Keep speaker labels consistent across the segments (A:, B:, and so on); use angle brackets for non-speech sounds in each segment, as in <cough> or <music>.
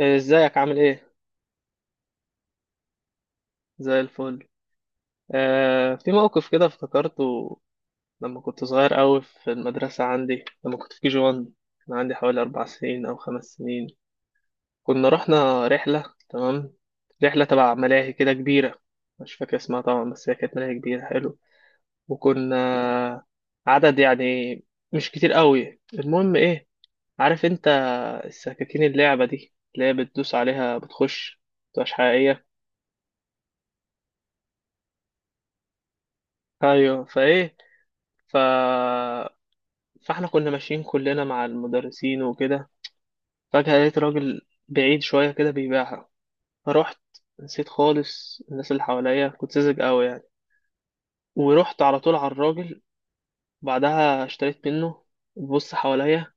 A: إيه، ازيك عامل ايه؟ زي الفل. آه، في موقف كده افتكرته لما كنت صغير قوي في المدرسة عندي، لما كنت في كي جي 1. كان عندي حوالي 4 سنين أو 5 سنين. كنا رحنا رحلة، تمام. رحلة تبع ملاهي كده كبيرة، مش فاكر اسمها طبعا بس هي كانت ملاهي كبيرة، حلو. وكنا عدد يعني مش كتير قوي. المهم ايه، عارف انت السكاكين، اللعبة دي اللي هي بتدوس عليها بتخش، مبتبقاش حقيقية. ايوه فايه. ف فاحنا كنا ماشيين كلنا مع المدرسين وكده، فجأة لقيت راجل بعيد شوية كده بيبيعها. فروحت، نسيت خالص الناس اللي حواليا، كنت ساذج قوي يعني. ورحت على طول على الراجل، بعدها اشتريت منه، ببص حواليا،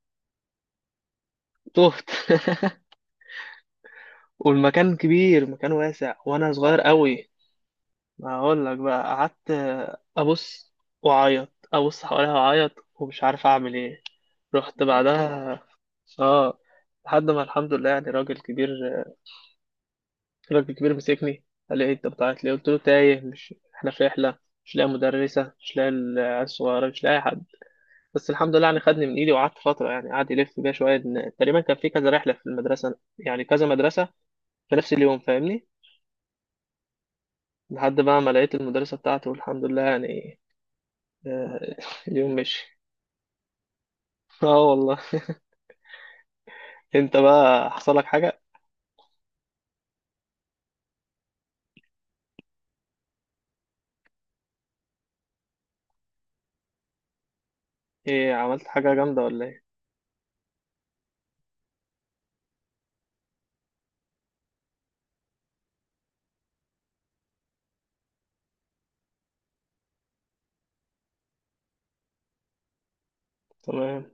A: تهت. <laughs> والمكان كبير، مكان واسع وانا صغير قوي. هقول لك بقى، قعدت ابص واعيط، ابص حواليا واعيط ومش عارف اعمل ايه. رحت يا لهوي بعدها. اه، لحد ما الحمد لله يعني راجل كبير، الراجل الكبير مسكني، قال لي إيه أنت بتعيط ليه؟ قلت له تايه، مش إحنا في رحلة، مش لاقي مدرسة، مش لاقي العيال الصغيرة، مش لاقي حد. بس الحمد لله يعني خدني من إيدي وقعدت فترة يعني، قعد يلف بيا شوية، إن تقريبا كان في كذا رحلة في المدرسة يعني كذا مدرسة في نفس اليوم، فاهمني. لحد بقى ما لقيت المدرسة بتاعته، والحمد لله يعني. آه، <laughs> اليوم مشي. اه والله. انت بقى حصل لك حاجة؟ ايه عملت حاجة جامدة ولا ايه؟ تمام.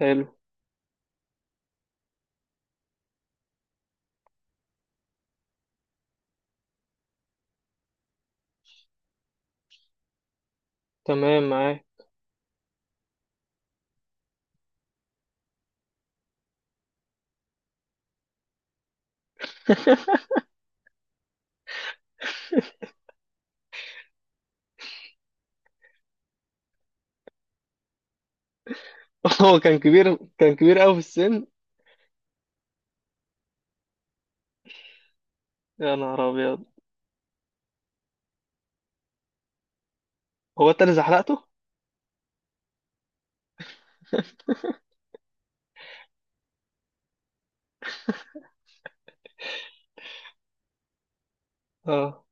A: حلو. تمام معاك. <laughs> هو كان كبير، كان كبير قوي في السن. يا نهار ابيض. هو انت اللي زحلقته؟ اه.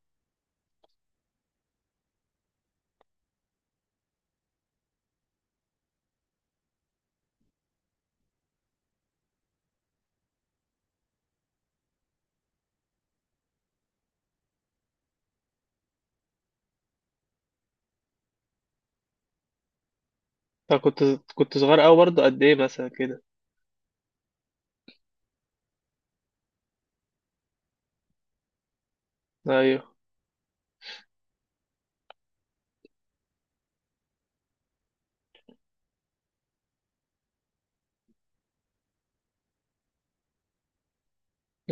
A: أنا كنت صغير قوي برضه. قد ايه مثلا كده؟ ايوه.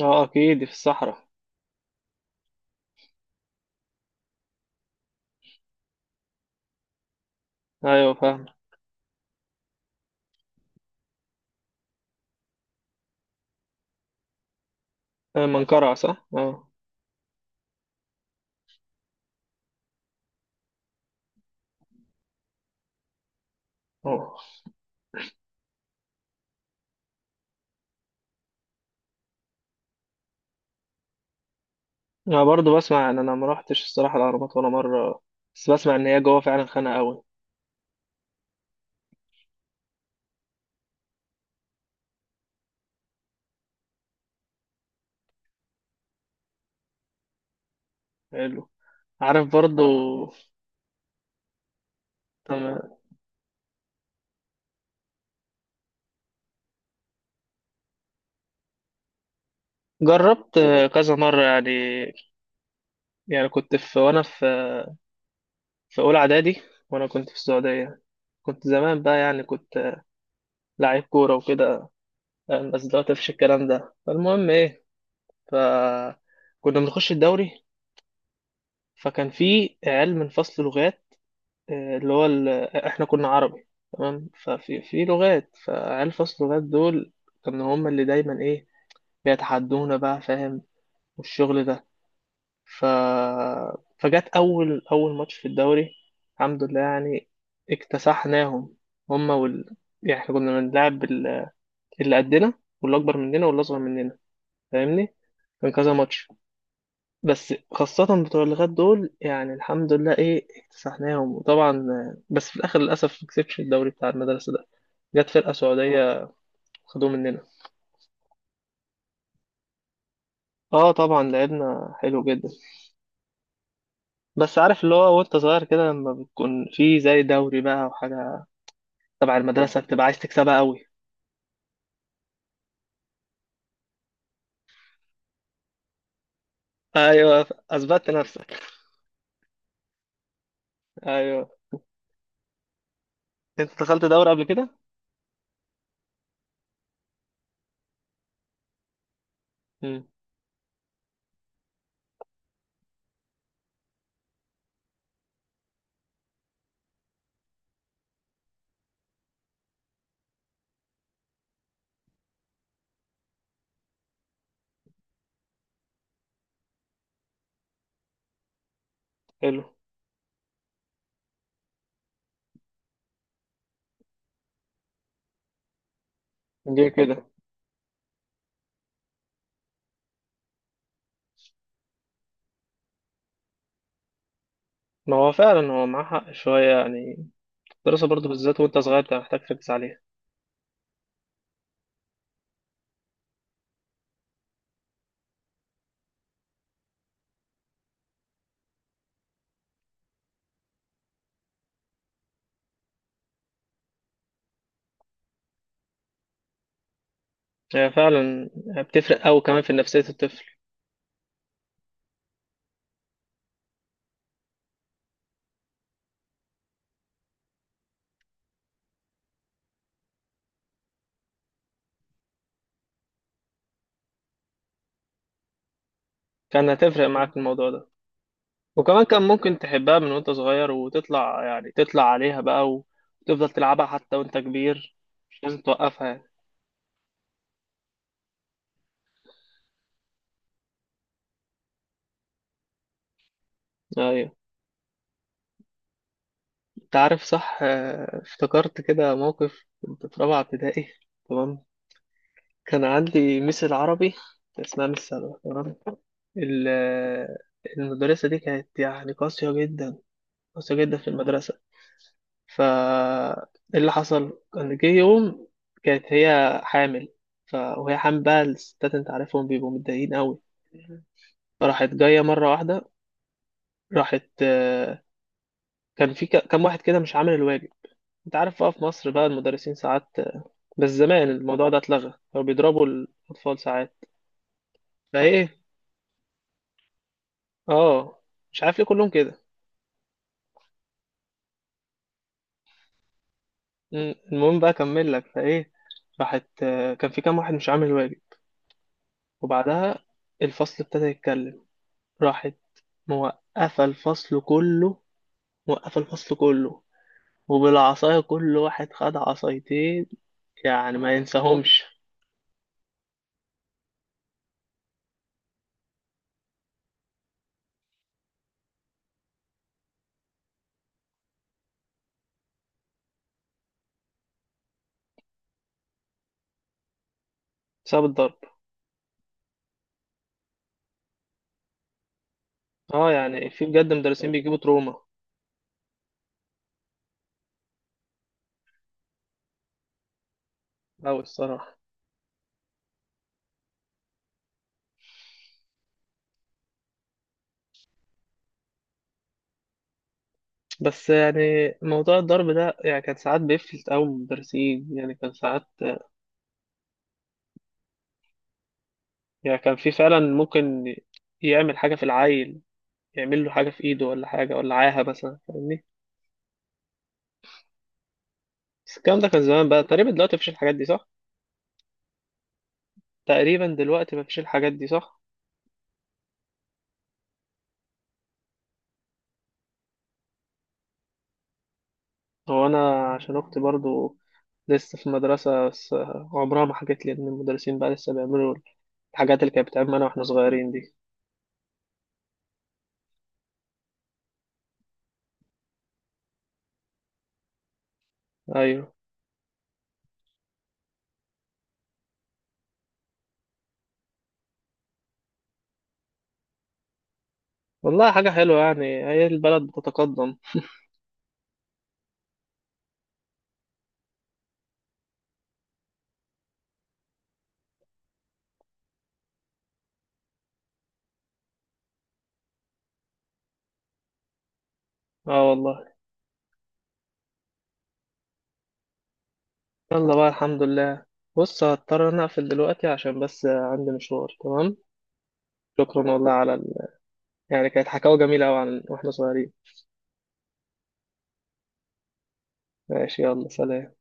A: اه اكيد في الصحراء. ايوه فاهم. منقرع، صح، اه. اه، انا برضه بسمع ان انا ما رحتش الصراحه الاهرامات ولا مره، بس بسمع ان هي جوه فعلا خانقه قوي. حلو. عارف برضه. تمام. جربت، كذا مره يعني. يعني كنت في، وانا في اولى اعدادي وانا كنت في السعوديه. كنت زمان بقى يعني كنت لعيب كوره وكده. بس دلوقتي مفيش الكلام ده. فالمهم ايه، فكنا بنخش الدوري. فكان في عيال من فصل لغات، آه، اللي هو ال... احنا كنا عربي تمام، ففي لغات، فعيال فصل لغات دول كانوا هم اللي دايما ايه بيتحدونا، بقى فاهم والشغل ده. ف فجت اول ماتش في الدوري، الحمد لله يعني اكتسحناهم. هم يعني احنا كنا بنلعب اللي قدنا واللي اكبر مننا واللي اصغر مننا، فاهمني. كان كذا ماتش، بس خاصة بتوع اللغات دول يعني، الحمد لله إيه اكتسحناهم، وطبعا بس في الآخر للأسف ما كسبش الدوري بتاع المدرسة ده، جت فرقة سعودية خدوه مننا. اه طبعا لعبنا حلو جدا. بس عارف اللي هو وانت صغير كده، لما بتكون في زي دوري بقى وحاجة تبع المدرسة بتبقى عايز تكسبها قوي. ايوه اثبتت نفسك. ايوه. انت دخلت دوري قبل كده؟ امم. حلو. ليه كده؟ ما هو فعلا هو معاه حق شوية يعني، الدراسة برضو بالذات وانت صغير بتبقى محتاج تركز عليها. هي فعلا بتفرق أوي كمان في نفسية الطفل. كان هتفرق معاك الموضوع ده. وكمان كان ممكن تحبها من وانت صغير وتطلع يعني تطلع عليها بقى، وتفضل تلعبها حتى وانت كبير. مش لازم توقفها يعني. أيوة. أنت عارف صح، افتكرت كده موقف كنت في رابعة ابتدائي. تمام. كان عندي ميس العربي، اسمها ميس سلوى، تمام. ال- المدرسة دي كانت يعني قاسية جدا، قاسية جدا في المدرسة. فا إيه اللي حصل، كان جه يوم كانت هي حامل. وهي حامل بقى الستات انت عارفهم بيبقوا متضايقين قوي. فراحت جايه مره واحده. راحت، كان في كام واحد كده مش عامل الواجب. انت عارف بقى في مصر بقى المدرسين ساعات، بس زمان الموضوع ده اتلغى، كانوا بيضربوا الاطفال ساعات. فايه، اه، مش عارف ليه كلهم كده. المهم بقى اكمل لك فايه. راحت، كان في كام واحد مش عامل الواجب. وبعدها الفصل ابتدى يتكلم، راحت موقفة الفصل كله، موقفة الفصل كله، وبالعصاية كل واحد خد عصايتين. يعني ما ينساهمش. بسبب الضرب. اه يعني في بجد مدرسين بيجيبوا تروما أوي الصراحة. بس يعني موضوع الضرب ده يعني كان ساعات بيفلت أوي من المدرسين، يعني كان ساعات، يعني كان في فعلا ممكن يعمل حاجة في العيل، يعمل له حاجة في إيده ولا حاجة، ولا عاهة مثلا، فاهمني. بس الكلام ده كان زمان بقى، تقريبا دلوقتي مفيش الحاجات دي صح؟ تقريبا دلوقتي مفيش الحاجات دي صح؟ هو انا عشان اختي برضو لسه في المدرسه بس، عمرها ما حكت لي ان المدرسين بقى لسه بيعملوا الحاجات اللي كانت بتعملنا انا واحنا صغيرين دي. ايوه والله حاجه حلوه يعني، هي البلد بتتقدم. اه والله. يلا بقى الحمد لله. بص هضطر انا اقفل دلوقتي عشان بس عندي مشوار، تمام. شكرا والله على يعني كانت حكاوة جميلة أوي عن واحنا صغيرين. ماشي، يلا سلام.